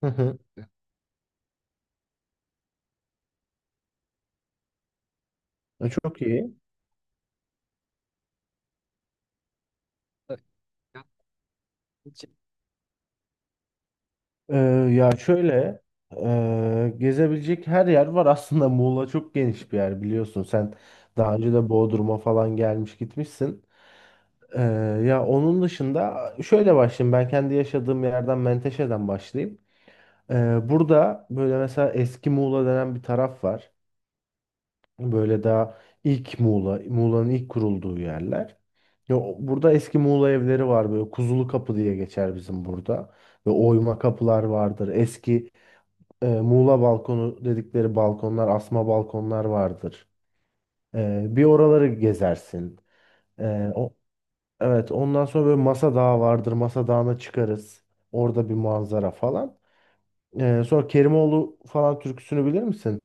Hı hı. Çok iyi. Ee, Şöyle gezebilecek her yer var aslında Muğla çok geniş bir yer biliyorsun sen daha önce de Bodrum'a falan gelmiş gitmişsin. Ee, Onun dışında şöyle başlayayım, ben kendi yaşadığım yerden Menteşe'den başlayayım. Burada böyle mesela eski Muğla denen bir taraf var. Böyle daha ilk Muğla, Muğla'nın ilk kurulduğu yerler. Burada eski Muğla evleri var, böyle Kuzulu Kapı diye geçer bizim burada. Ve oyma kapılar vardır. Eski Muğla balkonu dedikleri balkonlar, asma balkonlar vardır. Bir oraları gezersin. E, o, evet, ondan sonra böyle Masa Dağı vardır. Masa Dağı'na çıkarız. Orada bir manzara falan. Sonra Kerimoğlu falan türküsünü bilir misin?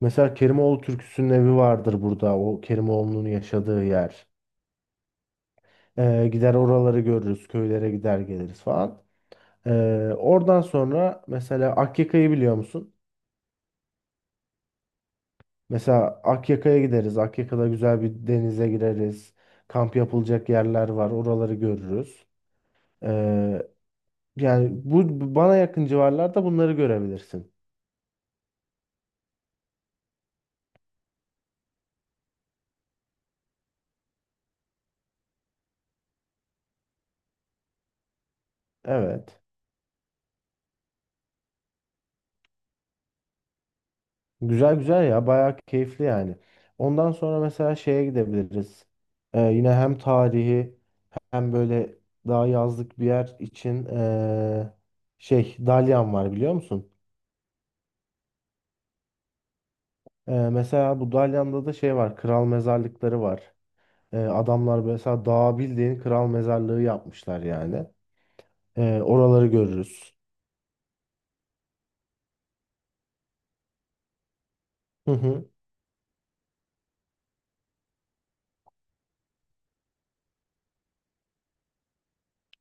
Mesela Kerimoğlu türküsünün evi vardır burada. O Kerimoğlu'nun yaşadığı yer. Gider oraları görürüz. Köylere gider geliriz falan. Oradan sonra mesela Akyaka'yı biliyor musun? Mesela Akyaka'ya gideriz. Akyaka'da güzel bir denize gireriz. Kamp yapılacak yerler var. Oraları görürüz. Ee, Yani bana yakın civarlarda bunları görebilirsin. Evet. Güzel güzel ya. Bayağı keyifli yani. Ondan sonra mesela şeye gidebiliriz. Yine hem tarihi, hem böyle daha yazlık bir yer için şey, dalyan var biliyor musun? Mesela bu dalyanda da şey var. Kral mezarlıkları var. Adamlar mesela dağa bildiğin kral mezarlığı yapmışlar yani. Oraları görürüz. Hı hı.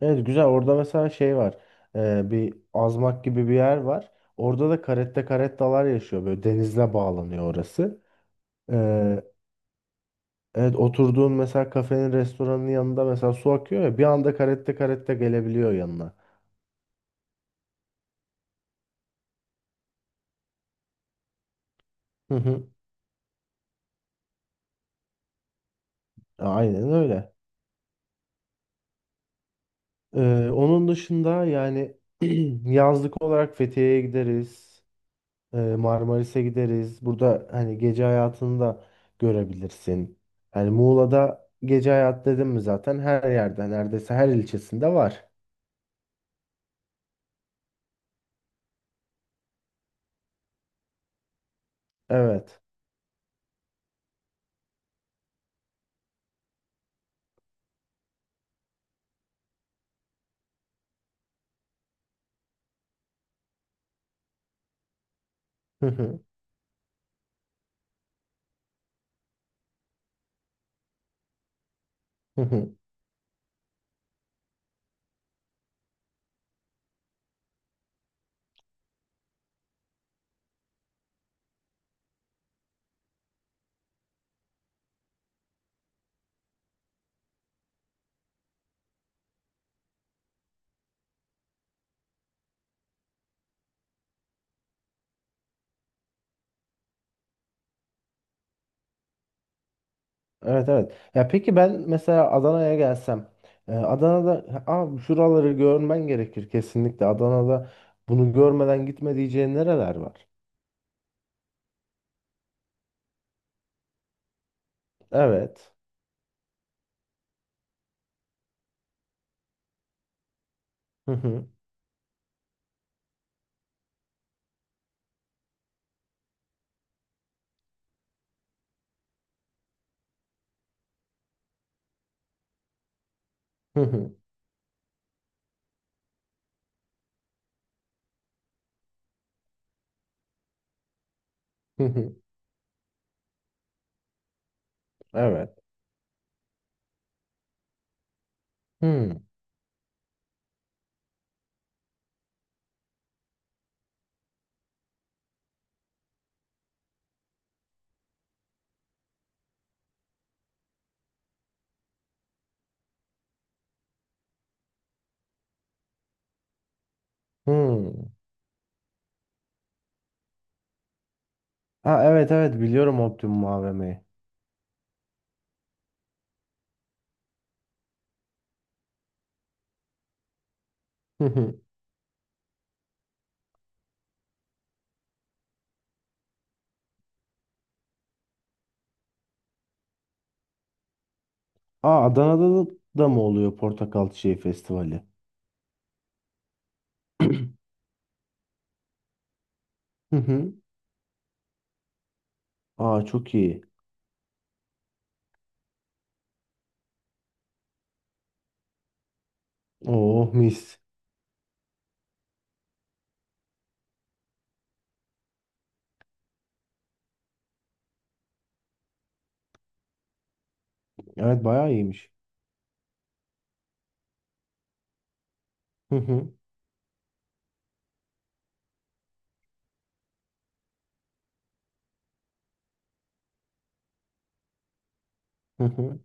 Evet, güzel. Orada mesela şey var. Bir azmak gibi bir yer var. Orada da caretta carettalar yaşıyor. Böyle denizle bağlanıyor orası. Evet, oturduğun mesela kafenin, restoranın yanında mesela su akıyor ya, bir anda karette karette gelebiliyor yanına. Hı hı. Aynen öyle. Onun dışında yani yazlık olarak Fethiye'ye gideriz. Marmaris'e gideriz. Burada hani gece hayatını da görebilirsin. Hani Muğla'da gece hayat dedim mi zaten her yerde, neredeyse her ilçesinde var. Evet. Hı hı. Evet, evet. Ya peki, ben mesela Adana'ya gelsem, Adana'da aa şuraları görmen gerekir kesinlikle. Adana'da bunu görmeden gitme diyeceğin nereler var? Evet. Hı hı. Hı hı. Hı hı. Evet. Hı hı. Ha evet, evet, biliyorum Optimum AVM'yi. Hı hı. Aa Adana'da da mı oluyor Portakal Çiçeği Festivali? Hı hı. Aa çok iyi. Oh mis. Evet, bayağı iyiymiş. Hı hı. Hı hı.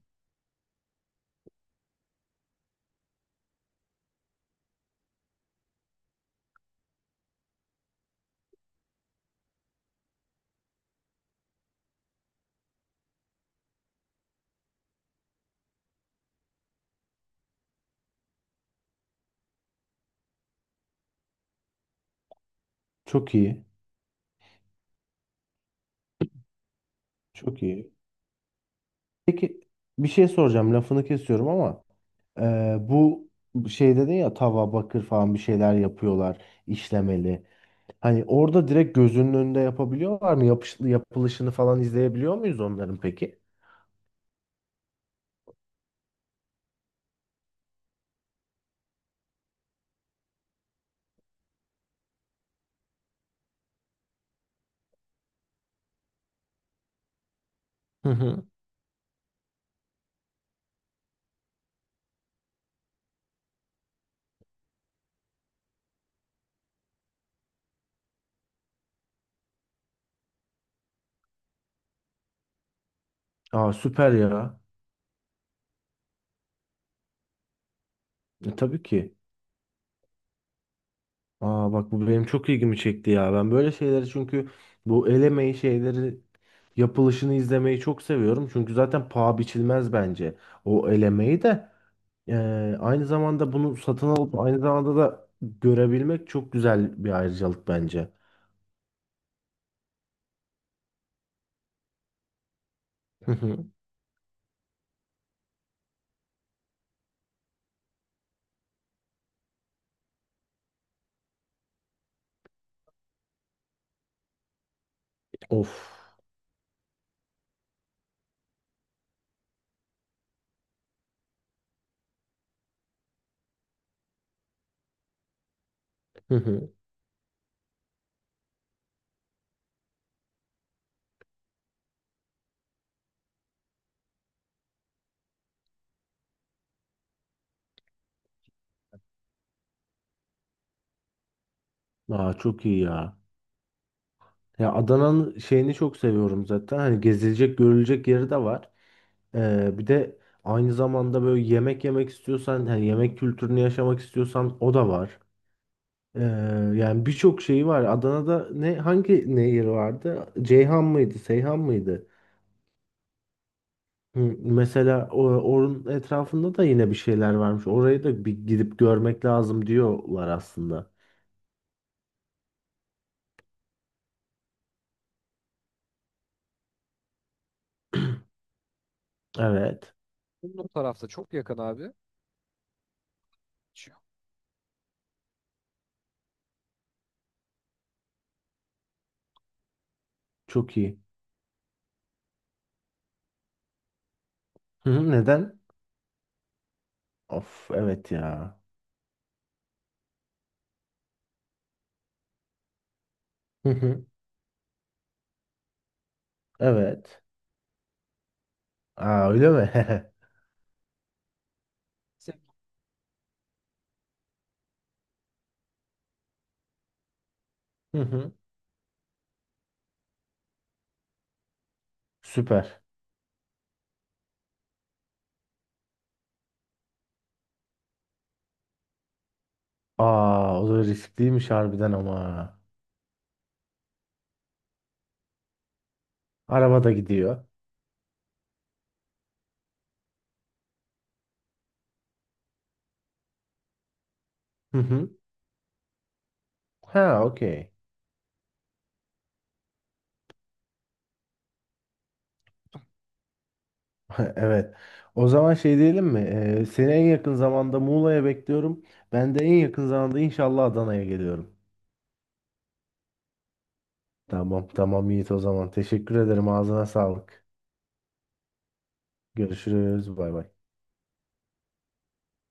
Çok iyi. Çok iyi. Peki, bir şey soracağım, lafını kesiyorum ama bu şey dedin ya, tava, bakır falan bir şeyler yapıyorlar, işlemeli. Hani orada direkt gözünün önünde yapabiliyorlar mı? Yapılışını falan izleyebiliyor muyuz onların peki? Hı hı. Aa süper ya. E, tabii ki. Aa bak, bu benim çok ilgimi çekti ya. Ben böyle şeyleri, çünkü bu el emeği şeyleri, yapılışını izlemeyi çok seviyorum. Çünkü zaten paha biçilmez bence o el emeği de. Aynı zamanda bunu satın alıp aynı zamanda da görebilmek çok güzel bir ayrıcalık bence. Hı hı. Of. Hı hı. Aa, çok iyi ya. Ya Adana'nın şeyini çok seviyorum zaten. Hani gezilecek, görülecek yeri de var. Bir de aynı zamanda böyle yemek yemek istiyorsan, hani yemek kültürünü yaşamak istiyorsan, o da var. Ee, Yani birçok şeyi var. Adana'da ne, hangi nehir vardı? Ceyhan mıydı? Seyhan mıydı? Hı, mesela onun etrafında da yine bir şeyler varmış. Orayı da bir gidip görmek lazım diyorlar aslında. Evet. Çok iyi. Hı hı, neden? Of, evet ya. Hı hı, evet. Aa öyle mi? Hı hı. Süper. Aa o da riskliymiş harbiden ama. Araba da gidiyor. Hı hı. Ha okey. Evet. O zaman şey diyelim mi? Seni en yakın zamanda Muğla'ya bekliyorum. Ben de en yakın zamanda inşallah Adana'ya geliyorum. Tamam tamam Yiğit, o zaman. Teşekkür ederim. Ağzına sağlık. Görüşürüz. Bay bay.